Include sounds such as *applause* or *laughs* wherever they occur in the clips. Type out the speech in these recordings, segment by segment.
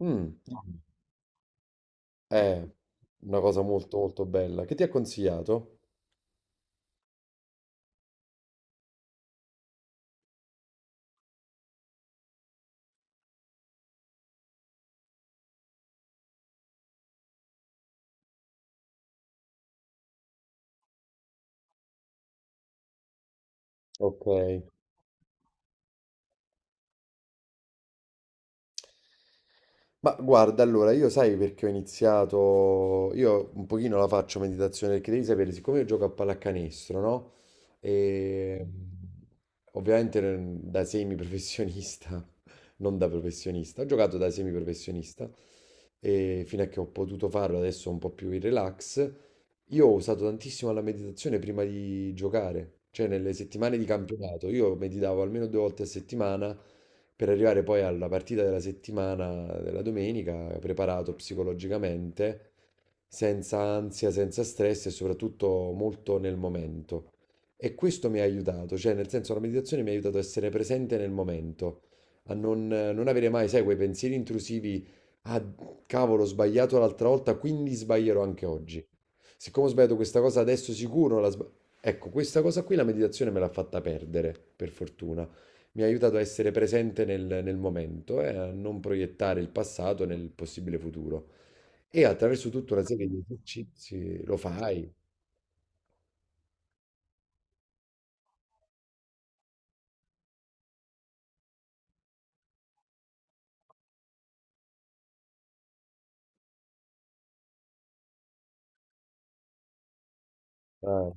Mh. Eh, una cosa molto, molto bella. Che ti ha consigliato? Okay. Ma guarda, allora, io sai perché ho iniziato, io un pochino la faccio meditazione perché devi sapere, siccome io gioco a pallacanestro, no? E ovviamente da semiprofessionista, *laughs* non da professionista, ho giocato da semiprofessionista e fino a che ho potuto farlo adesso un po' più in relax, io ho usato tantissimo la meditazione prima di giocare, cioè nelle settimane di campionato, io meditavo almeno due volte a settimana per arrivare poi alla partita della settimana, della domenica, preparato psicologicamente senza ansia, senza stress e soprattutto molto nel momento. E questo mi ha aiutato, cioè nel senso la meditazione mi ha aiutato a essere presente nel momento, a non avere mai, sai, quei pensieri intrusivi, ah cavolo, ho sbagliato l'altra volta, quindi sbaglierò anche oggi. Siccome ho sbagliato questa cosa adesso sicuro, ecco, questa cosa qui la meditazione me l'ha fatta perdere, per fortuna. Mi ha aiutato a essere presente nel momento e a non proiettare il passato nel possibile futuro. E attraverso tutta una serie di esercizi lo fai. Ah.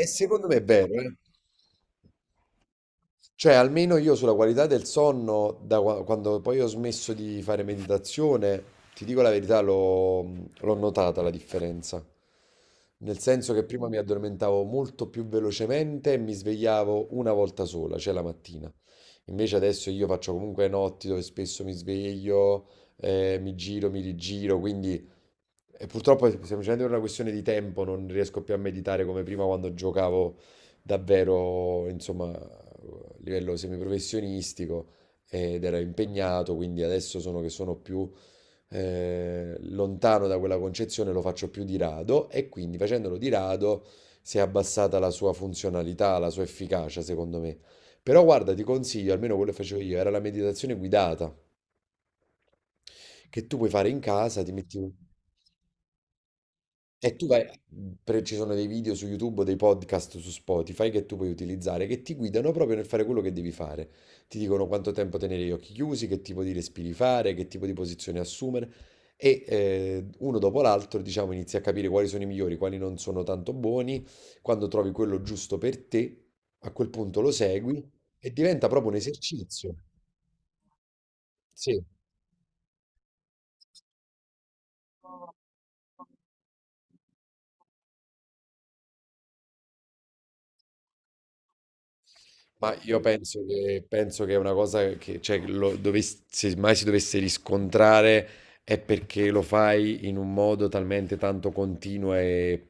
E secondo me è vero, eh. Cioè, almeno io sulla qualità del sonno, quando poi ho smesso di fare meditazione, ti dico la verità, l'ho notata la differenza. Nel senso che prima mi addormentavo molto più velocemente e mi svegliavo una volta sola, cioè la mattina. Invece adesso io faccio comunque notti dove spesso mi sveglio, mi giro, mi rigiro, quindi. E purtroppo è semplicemente per una questione di tempo non riesco più a meditare come prima quando giocavo davvero, insomma, a livello semiprofessionistico ed ero impegnato, quindi adesso sono che sono più lontano da quella concezione, lo faccio più di rado e quindi facendolo di rado si è abbassata la sua funzionalità, la sua efficacia, secondo me. Però guarda, ti consiglio, almeno quello che facevo io, era la meditazione guidata, che tu puoi fare in casa, ti metti un. E tu vai, ci sono dei video su YouTube, dei podcast su Spotify che tu puoi utilizzare, che ti guidano proprio nel fare quello che devi fare. Ti dicono quanto tempo tenere gli occhi chiusi, che tipo di respiri fare, che tipo di posizione assumere e uno dopo l'altro, diciamo, inizi a capire quali sono i migliori, quali non sono tanto buoni. Quando trovi quello giusto per te, a quel punto lo segui e diventa proprio un esercizio. Sì. Ma io penso che è una cosa che, cioè, se mai si dovesse riscontrare è perché lo fai in un modo talmente tanto continuo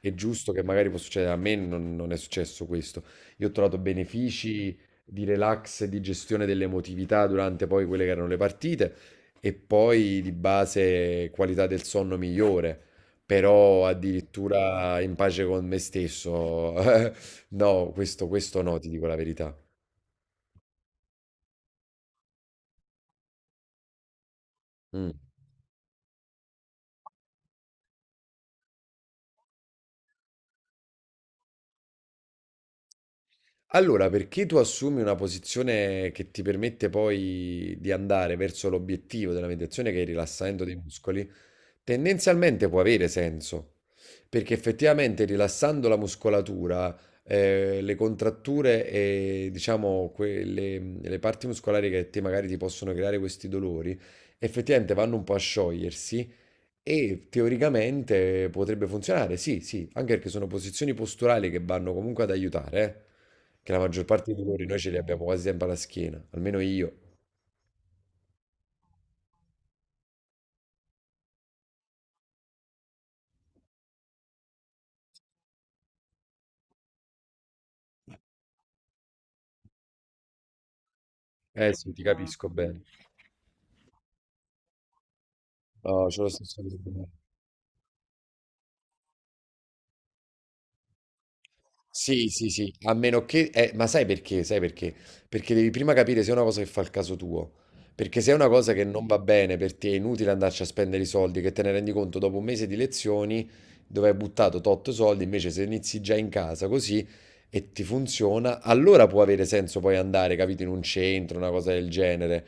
e giusto che magari può succedere. A me non è successo questo. Io ho trovato benefici di relax, di gestione dell'emotività durante poi quelle che erano le partite e poi di base qualità del sonno migliore, però addirittura in pace con me stesso. *laughs* No, questo no, ti dico la verità. Mm. Allora, perché tu assumi una posizione che ti permette poi di andare verso l'obiettivo della meditazione, che è il rilassamento dei muscoli, tendenzialmente può avere senso, perché effettivamente rilassando la muscolatura, le contratture e diciamo quelle, le parti muscolari che a te magari ti possono creare questi dolori, effettivamente vanno un po' a sciogliersi. E teoricamente potrebbe funzionare, sì, sì, anche perché sono posizioni posturali che vanno comunque ad aiutare, che la maggior parte dei dolori noi ce li abbiamo quasi sempre alla schiena, almeno io. Eh sì, ti capisco bene. No, c'ho lo stesso problema. Sì, sì, sì, a meno che... ma sai perché? Sai perché? Perché devi prima capire se è una cosa che fa il caso tuo. Perché se è una cosa che non va bene per te, è inutile andarci a spendere i soldi, che te ne rendi conto dopo un mese di lezioni dove hai buttato tot soldi, invece se inizi già in casa così e ti funziona, allora può avere senso poi andare, capito, in un centro, una cosa del genere.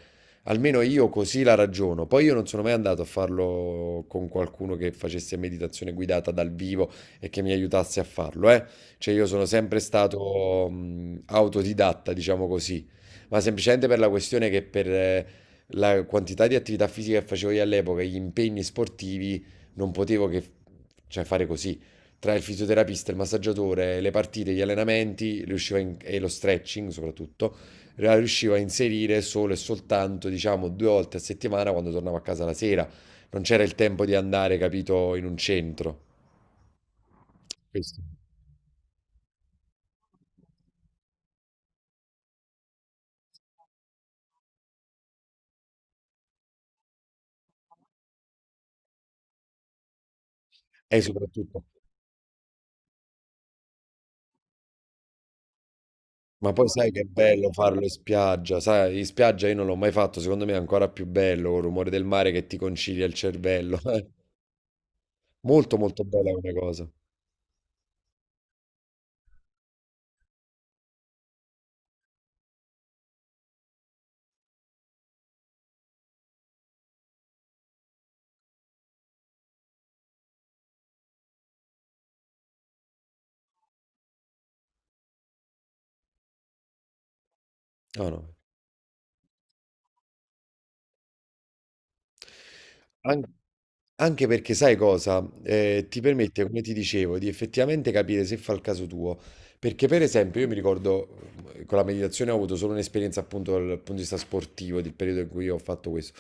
Almeno io così la ragiono. Poi io non sono mai andato a farlo con qualcuno che facesse meditazione guidata dal vivo e che mi aiutasse a farlo, eh. Cioè io sono sempre stato autodidatta, diciamo così, ma semplicemente per la questione che per la quantità di attività fisica che facevo io all'epoca e gli impegni sportivi non potevo che, cioè, fare così. Tra il fisioterapista, il massaggiatore, le partite, gli allenamenti, riuscivo a e lo stretching soprattutto, riuscivo a inserire solo e soltanto, diciamo, due volte a settimana quando tornavo a casa la sera. Non c'era il tempo di andare, capito, in un centro. Questo. E soprattutto. Ma poi sai che è bello farlo in spiaggia, sai, in spiaggia io non l'ho mai fatto, secondo me è ancora più bello, il rumore del mare che ti concilia il cervello. *laughs* Molto molto bella come cosa. No, no. An- Anche perché sai cosa? Ti permette, come ti dicevo, di effettivamente capire se fa il caso tuo. Perché per esempio io mi ricordo, con la meditazione ho avuto solo un'esperienza appunto dal punto di vista sportivo, del periodo in cui ho fatto questo.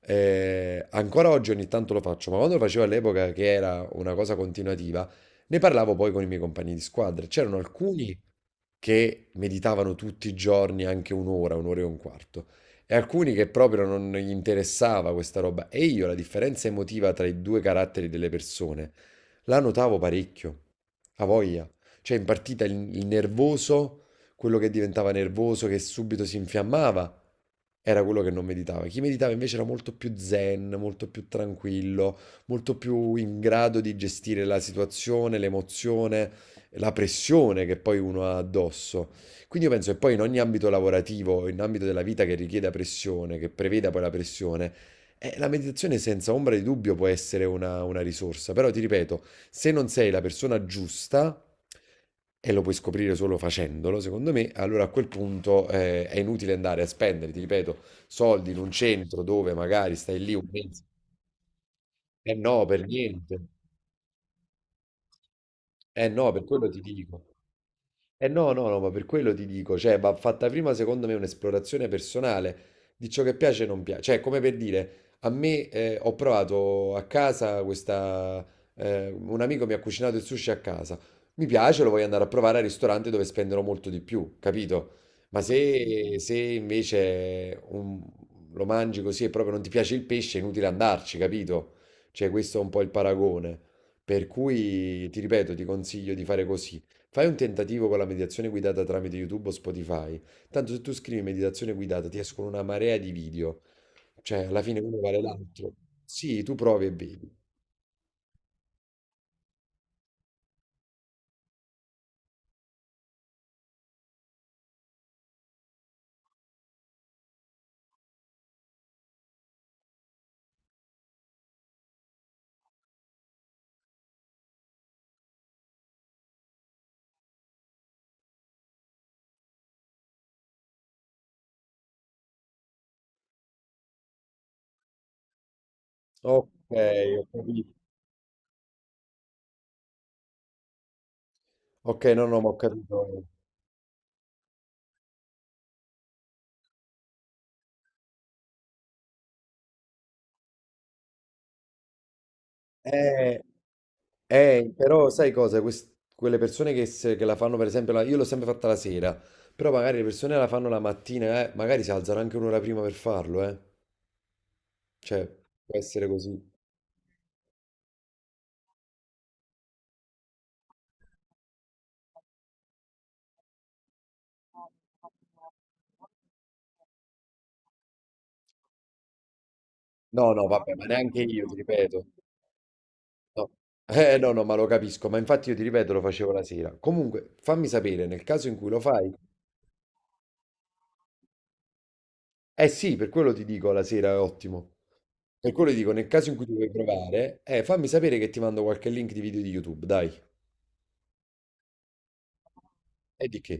Ancora oggi ogni tanto lo faccio, ma quando lo facevo all'epoca, che era una cosa continuativa, ne parlavo poi con i miei compagni di squadra. C'erano alcuni che meditavano tutti i giorni anche un'ora, un'ora e un quarto, e alcuni che proprio non gli interessava questa roba. E io la differenza emotiva tra i due caratteri delle persone la notavo parecchio, a voglia. Cioè in partita il nervoso, quello che diventava nervoso, che subito si infiammava, era quello che non meditava. Chi meditava invece era molto più zen, molto più tranquillo, molto più in grado di gestire la situazione, l'emozione, la pressione che poi uno ha addosso. Quindi io penso che poi in ogni ambito lavorativo, in ambito della vita che richieda pressione, che preveda poi la pressione, la meditazione senza ombra di dubbio può essere una risorsa, però ti ripeto, se non sei la persona giusta, e lo puoi scoprire solo facendolo, secondo me, allora a quel punto è inutile andare a spendere, ti ripeto, soldi in un centro dove magari stai lì un mese. Eh no, per niente. Eh no, per quello ti dico. Eh no, no, no, ma per quello ti dico, cioè, va fatta prima secondo me un'esplorazione personale di ciò che piace e non piace. Cioè, come per dire, a me ho provato a casa questa. Un amico mi ha cucinato il sushi a casa. Mi piace, lo voglio andare a provare al ristorante dove spenderò molto di più, capito? Ma se invece lo mangi così e proprio non ti piace il pesce, è inutile andarci, capito? Cioè, questo è un po' il paragone. Per cui, ti ripeto, ti consiglio di fare così. Fai un tentativo con la meditazione guidata tramite YouTube o Spotify. Tanto se tu scrivi meditazione guidata ti escono una marea di video. Cioè, alla fine uno vale l'altro. Sì, tu provi e vedi. Ok, ho capito. Ok, no, no, ma ho capito. Eh, Però sai cosa? Quelle persone che, se- che la fanno, per esempio, io l'ho sempre fatta la sera, però magari le persone la fanno la mattina, magari si alzano anche un'ora prima per farlo, eh. Cioè, può essere così. No, no, vabbè, ma neanche io, ti ripeto. No. Eh no, no, ma lo capisco, ma infatti io ti ripeto, lo facevo la sera. Comunque, fammi sapere nel caso in cui lo fai. Eh sì, per quello ti dico la sera è ottimo. Per quello ti dico, nel caso in cui tu vuoi provare, fammi sapere che ti mando qualche link di video di YouTube, dai. E di che?